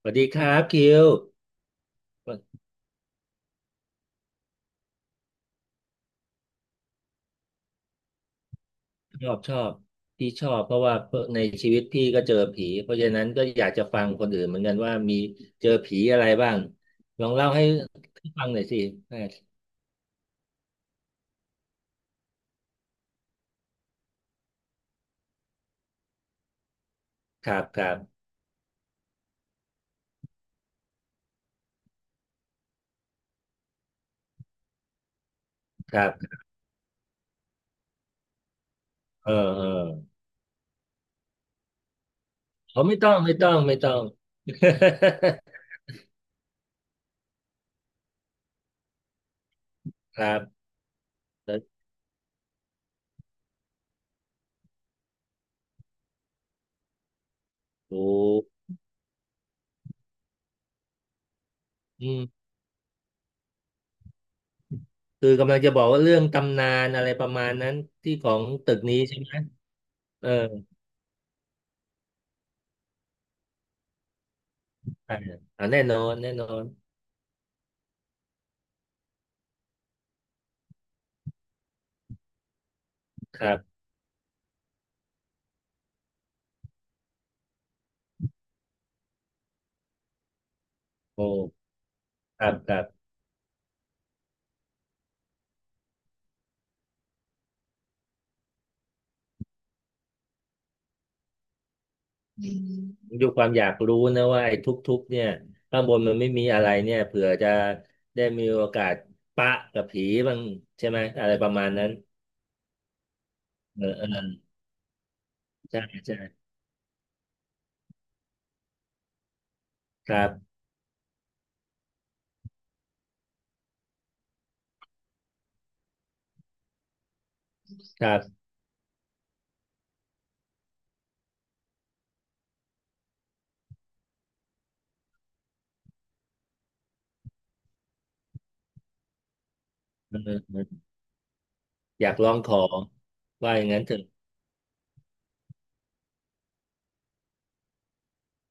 สวัสดีครับคิวชอบชอบพี่ชอบเพราะว่าในชีวิตพี่ก็เจอผีเพราะฉะนั้นก็อยากจะฟังคนอื่นเหมือนกันว่ามีเจอผีอะไรบ้างลองเล่าให้ฟังหน่อยสิครับครับครับเออเออเขาไม่ต้องไม่ต้องไม่ต้อง ครับแล้วโอ้อืมคือกำลังจะบอกว่าเรื่องตำนานอะไรประมาณนั้นที่ของตึกนี้ใช่ไหมเออใช่อ่ะแน่นอนแน่นอนครับโอ้ครับครับ ดูความอยากรู้นะว่าไอ้ทุกๆเนี่ยข้างบนมันไม่มีอะไรเนี่ยเผื่อจะได้มีโอกาสปะกับผีบ้างใช่ไหมอะไรประมาณนั้นเออเออใช่ใช่ครับครับเออเอออยากลองของว่าอย่างนั้นเถอะ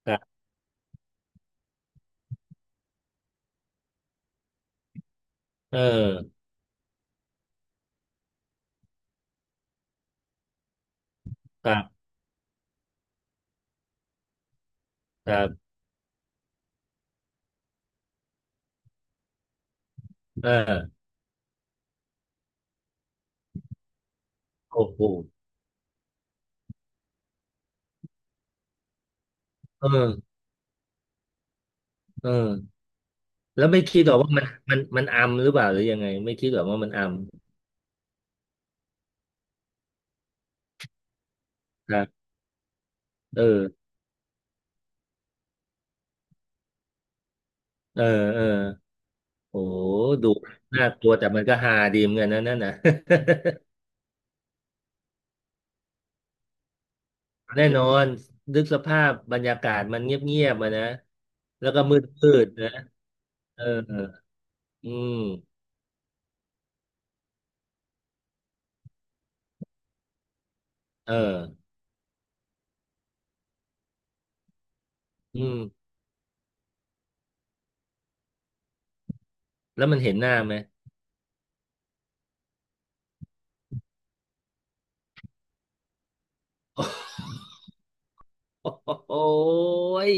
ครับเออครับครับเออโอ้โหเออเออแล้วไม่คิดหรอกว่ามันอัมหรือเปล่าหรือยังไงไม่คิดหรอกว่ามันอัมครับเออเออเออ โอ้ดูน่ากลัวแต่มันก็ฮาดีเหมือนกันนะนั่นนะ แน่นอนนึกสภาพบรรยากาศมันเงียบๆมานะ แล้วก็มืดๆนะเอออืมเอออืมแล้วมันเห็นหน้าไหม โอ้ย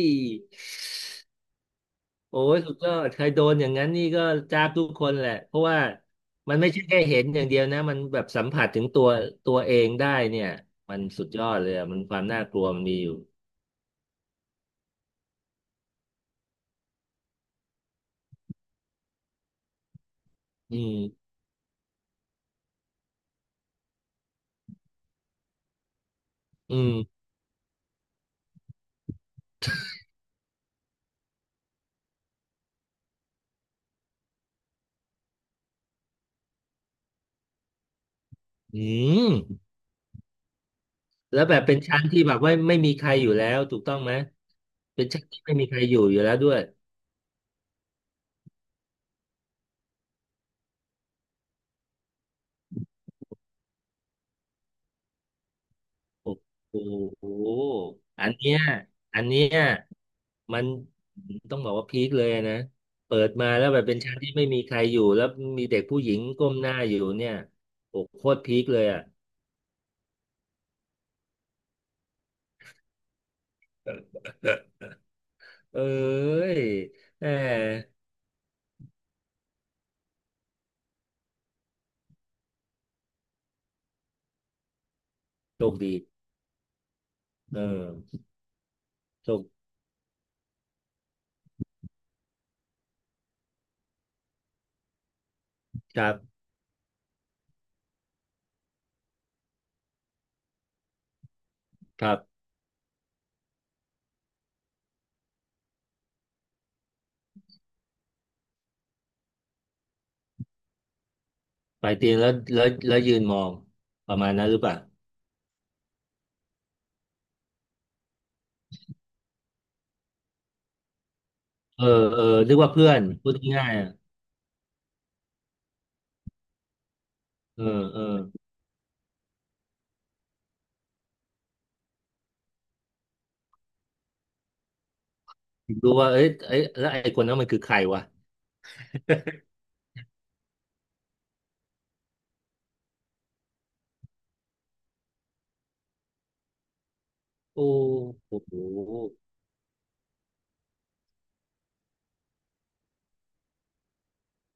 โอ้ยสุดยอดใครโดนอย่างนั้นนี่ก็จ้าบทุกคนแหละ เพราะว่ามันไม่ใช่แค่เห็นอย่างเดียวนะ มันแบบสัมผัสถึงตัวเองได้เนี่ย มันสุดยอดเลยอะมันความน่ากลัวมันมีอยู่อืมอืม อืมแล้วแบบเป็นชั้นที่แบบว่าไม่มีใครอยู่แล้วถูกต้องไหมเป็นชั้นที่ไม่มีใครอยู่อยู่แล้วด้วยโอ้โหอันเนี้ยอันเนี้ยมันต้องบอกว่าพีคเลยนะเปิดมาแล้วแบบเป็นชั้นที่ไม่มีใครอยู่แล้วมีเด็กผู้หญิงก้มหน้าอยู่เนี่ยโอ้โคตรพีคเลยอ่ะ เอ้ยแหมโชคดีเออโชคครับครับไปเตียงแล้วยืนมองประมาณนั้นหรือเปล่า เออเออนึกว่าเพื่อนพูดง่ายๆอะเออเออรู้ว่าเอ้ยเอ้ยแล้วไอ้คนนั้นมันคือใครวะ โอ้โห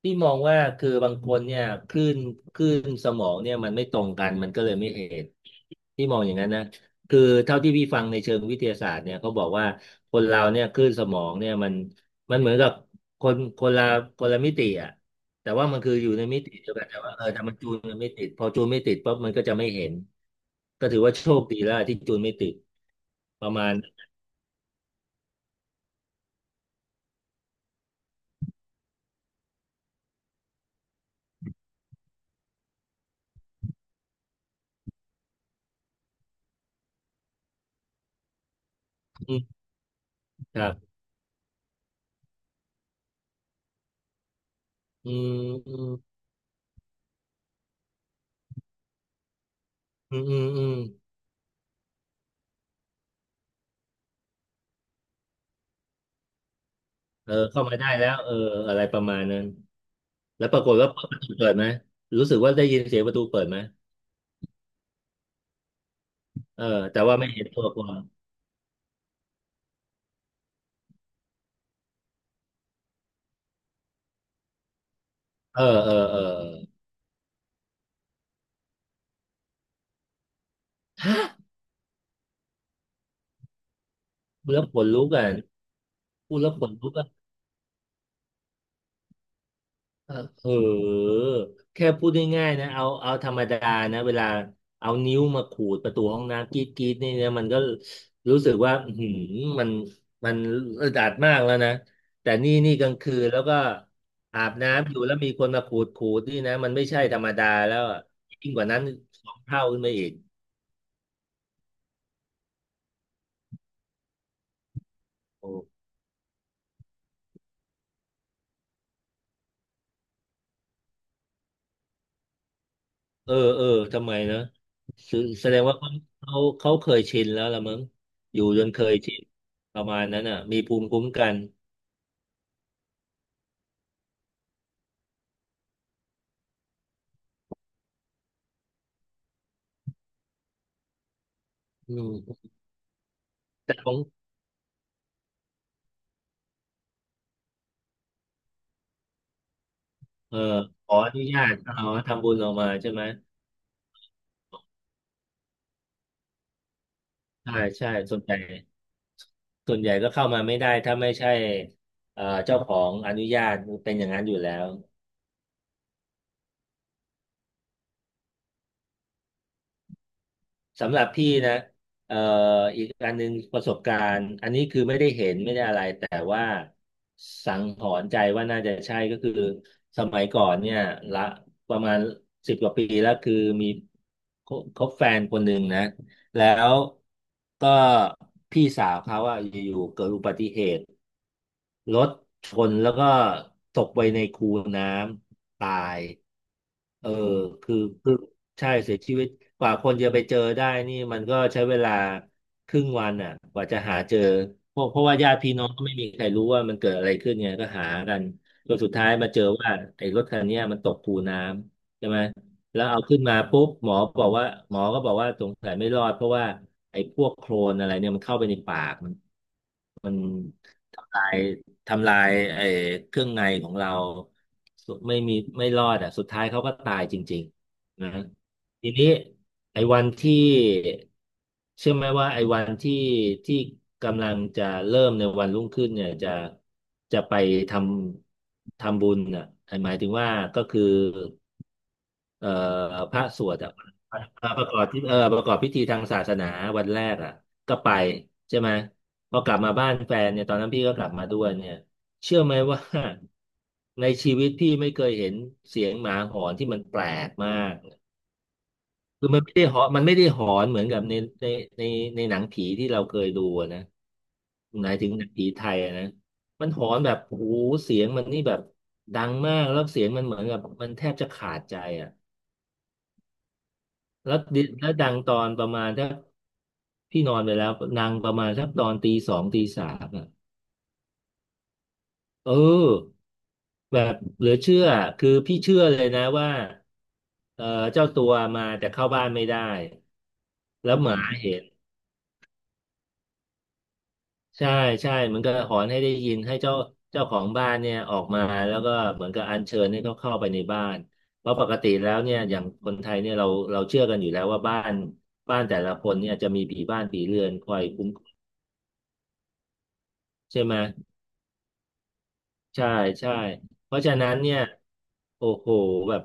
พี่มองว่าคือบางคนเนี่ยคลื่นคลื่นสมองเนี่ยมันไม่ตรงกันมันก็เลยไม่เห็นพี่มองอย่างนั้นนะคือเท่าที่พี่ฟังในเชิงวิทยาศาสตร์เนี่ยเขาบอกว่าคนเราเนี่ยคลื่นสมองเนี่ยมันเหมือนกับคนคนละคนละมิติอ่ะแต่ว่ามันคืออยู่ในมิติเดียวกันแต่ว่าเออถ้ามันจูนกันไม่ติดพอจูนไม่ติดปุ๊บมันก็จะไม่เห็นก็ถือว่าโชคดีแล้วที่จูนไม่ติดประมาณอืมครับอืมอืมอืมอืมอืมเออเข้ามาได้แล้วเอออะไรประมาณนั้น แล้วปรากฏว่าประตูเปิดไหมรู้สึกว่าได้ยินเสียงประตูเปิดไหมเออแต่ว่าไม่เห็นตัวคนเออเออเออพูดแล้วขนลุกอ่ะพูดแล้วขนลุกอ่ะเออเออแค่พูดง่ายๆนะเอาธรรมดานะเวลาเอานิ้วมาขูดประตูห้องน้ำกรีดกรีดนี่นะมันก็รู้สึกว่าอื้อหืมมันมันอึดอัดมากแล้วนะแต่นี่กลางคืนแล้วก็อาบน้ำอยู่แล้วมีคนมาขูดขูดนี่นะมันไม่ใช่ธรรมดาแล้วอะยิ่งกว่านั้นสองเท่าขึ้นไปอีกโอ้ เออเออทำไมนะแสแสดงว่าเขาเคยชินแล้วละมั้งอยู่จนเคยชินประมาณนั้นอ่ะมีภูมิคุ้มกันอืมแต่ของเออขออนุญาตเอาทำบุญออกมาใช่ไหมใช่ใช่ส่วนใหญ่ก็เข้ามาไม่ได้ถ้าไม่ใช่เจ้าของอนุญาตเป็นอย่างนั้นอยู่แล้ว สำหรับพี่นะเอ่ออีกอันหนึ่งประสบการณ์อันนี้คือไม่ได้เห็นไม่ได้อะไรแต่ว่าสังหรณ์ใจว่าน่าจะใช่ก็คือสมัยก่อนเนี่ยละประมาณสิบกว่าปีแล้วคือมีคคบแฟนคนหนึ่งนะแล้วก็พี่สาวเขาอะอยู่ๆเกิดอุบัติเหตุ รถชนแล้วก็ตกไปในคูน้ำตายเออ้หคือใช่เสียชีวิตกว่าคนจะไปเจอได้นี่มันก็ใช้เวลาครึ่งวันอ่ะกว่าจะหาเจอเพราะว่าญาติพี่น้องก็ไม่มีใครรู้ว่ามันเกิดอะไรขึ้นไงก็หากันจนสุดท้ายมาเจอว่าไอ้รถคันเนี้ยมันตกคูน้ำใช่ไหมแล้วเอาขึ้นมาปุ๊บบอกว่าหมอก็บอกว่าสงสัยไม่รอดเพราะว่าไอ้พวกโคลนอะไรเนี่ยมันเข้าไปในปากมัน มันทำลายทำลายไอ้เครื่องในของเราสุดไม่มีไม่รอดอ่ะสุดท้ายเขาก็ตายจริงๆนะฮะทีนี้ไอ้วันที่เชื่อไหมว่าไอ้วันที่ที่กำลังจะเริ่มในวันรุ่งขึ้นเนี่ยจะจะไปททำบุญอ่ะหมายถึงว่าก็คือ เอ่อพระสวดอะเประกอบที่ประกอบพิธีทางศาสนาวันแรกอ่ะก็ไปใช่ไหมพอกลับมาบ้านแฟนเนี่ยตอนนั้นพี่ก็กลับมาด้วยเนี่ยเชื่อไหมว่าในชีวิตพี่ไม่เคยเห็นเสียงหมาหอนที่มันแปลกมากคือมันไม่ได้หอนมันไม่ได้หอนเหมือนกับในในในหนังผีที่เราเคยดูอะนะหมายถึงหนังผีไทยอะนะมันหอนแบบโอ้โหเสียงมันนี่แบบดังมากแล้วเสียงมันเหมือนกับมันแทบจะขาดใจอ่ะ แล้วดิแล้วดังตอนประมาณถ้าพี่นอนไปแล้วดังประมาณสักตอนตีสองตีสามอ่ะเออแบบเหลือเชื่อคือพี่เชื่อเลยนะว่าเออเจ้าตัวมาแต่เข้าบ้านไม่ได้แล้วหมาเห็นใช่ใช่มันก็หอนให้ได้ยินให้เจ้าของบ้านเนี่ยออกมาแล้วก็เหมือนกับอัญเชิญให้เขาเข้าไปในบ้านเพราะปกติแล้วเนี่ยอย่างคนไทยเนี่ยเราเชื่อกันอยู่แล้วว่าบ้านแต่ละคนเนี่ยจะมีผีบ้านผีเรือนคอยคุ้มครองใช่ไหม ใช่ใช่เพราะฉะนั้นเนี่ยโอ้โหแบบ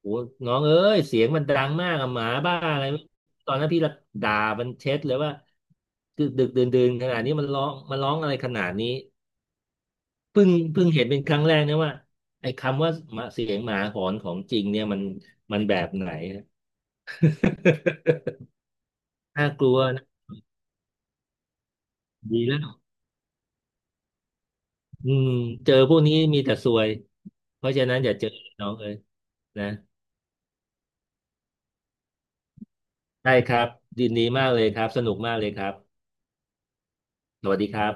โอ้น้องเอ้ยเสียงมันดังมากอะหมาบ้าอะไรไม่ตอนนั้นพี่ละด่ามันเช็ดเลยว่าดึกดึกดื่นดื่นขนาดนี้มันร้องมันร้องอะไรขนาดนี้เพิ่งเห็นเป็นครั้งแรกนะว่าไอ้คำว่าหมาเสียงหมาหอนของจริงเนี่ยมันมันแบบไหน น่ากลัวนะดีแล้วอืมเจอพวกนี้มีแต่ซวยเพราะฉะนั้นอย่าเจอน้องเอ้ยนะได้ครับดีมากเลยครับสนุกมากเลยครับ สวัสดีครับ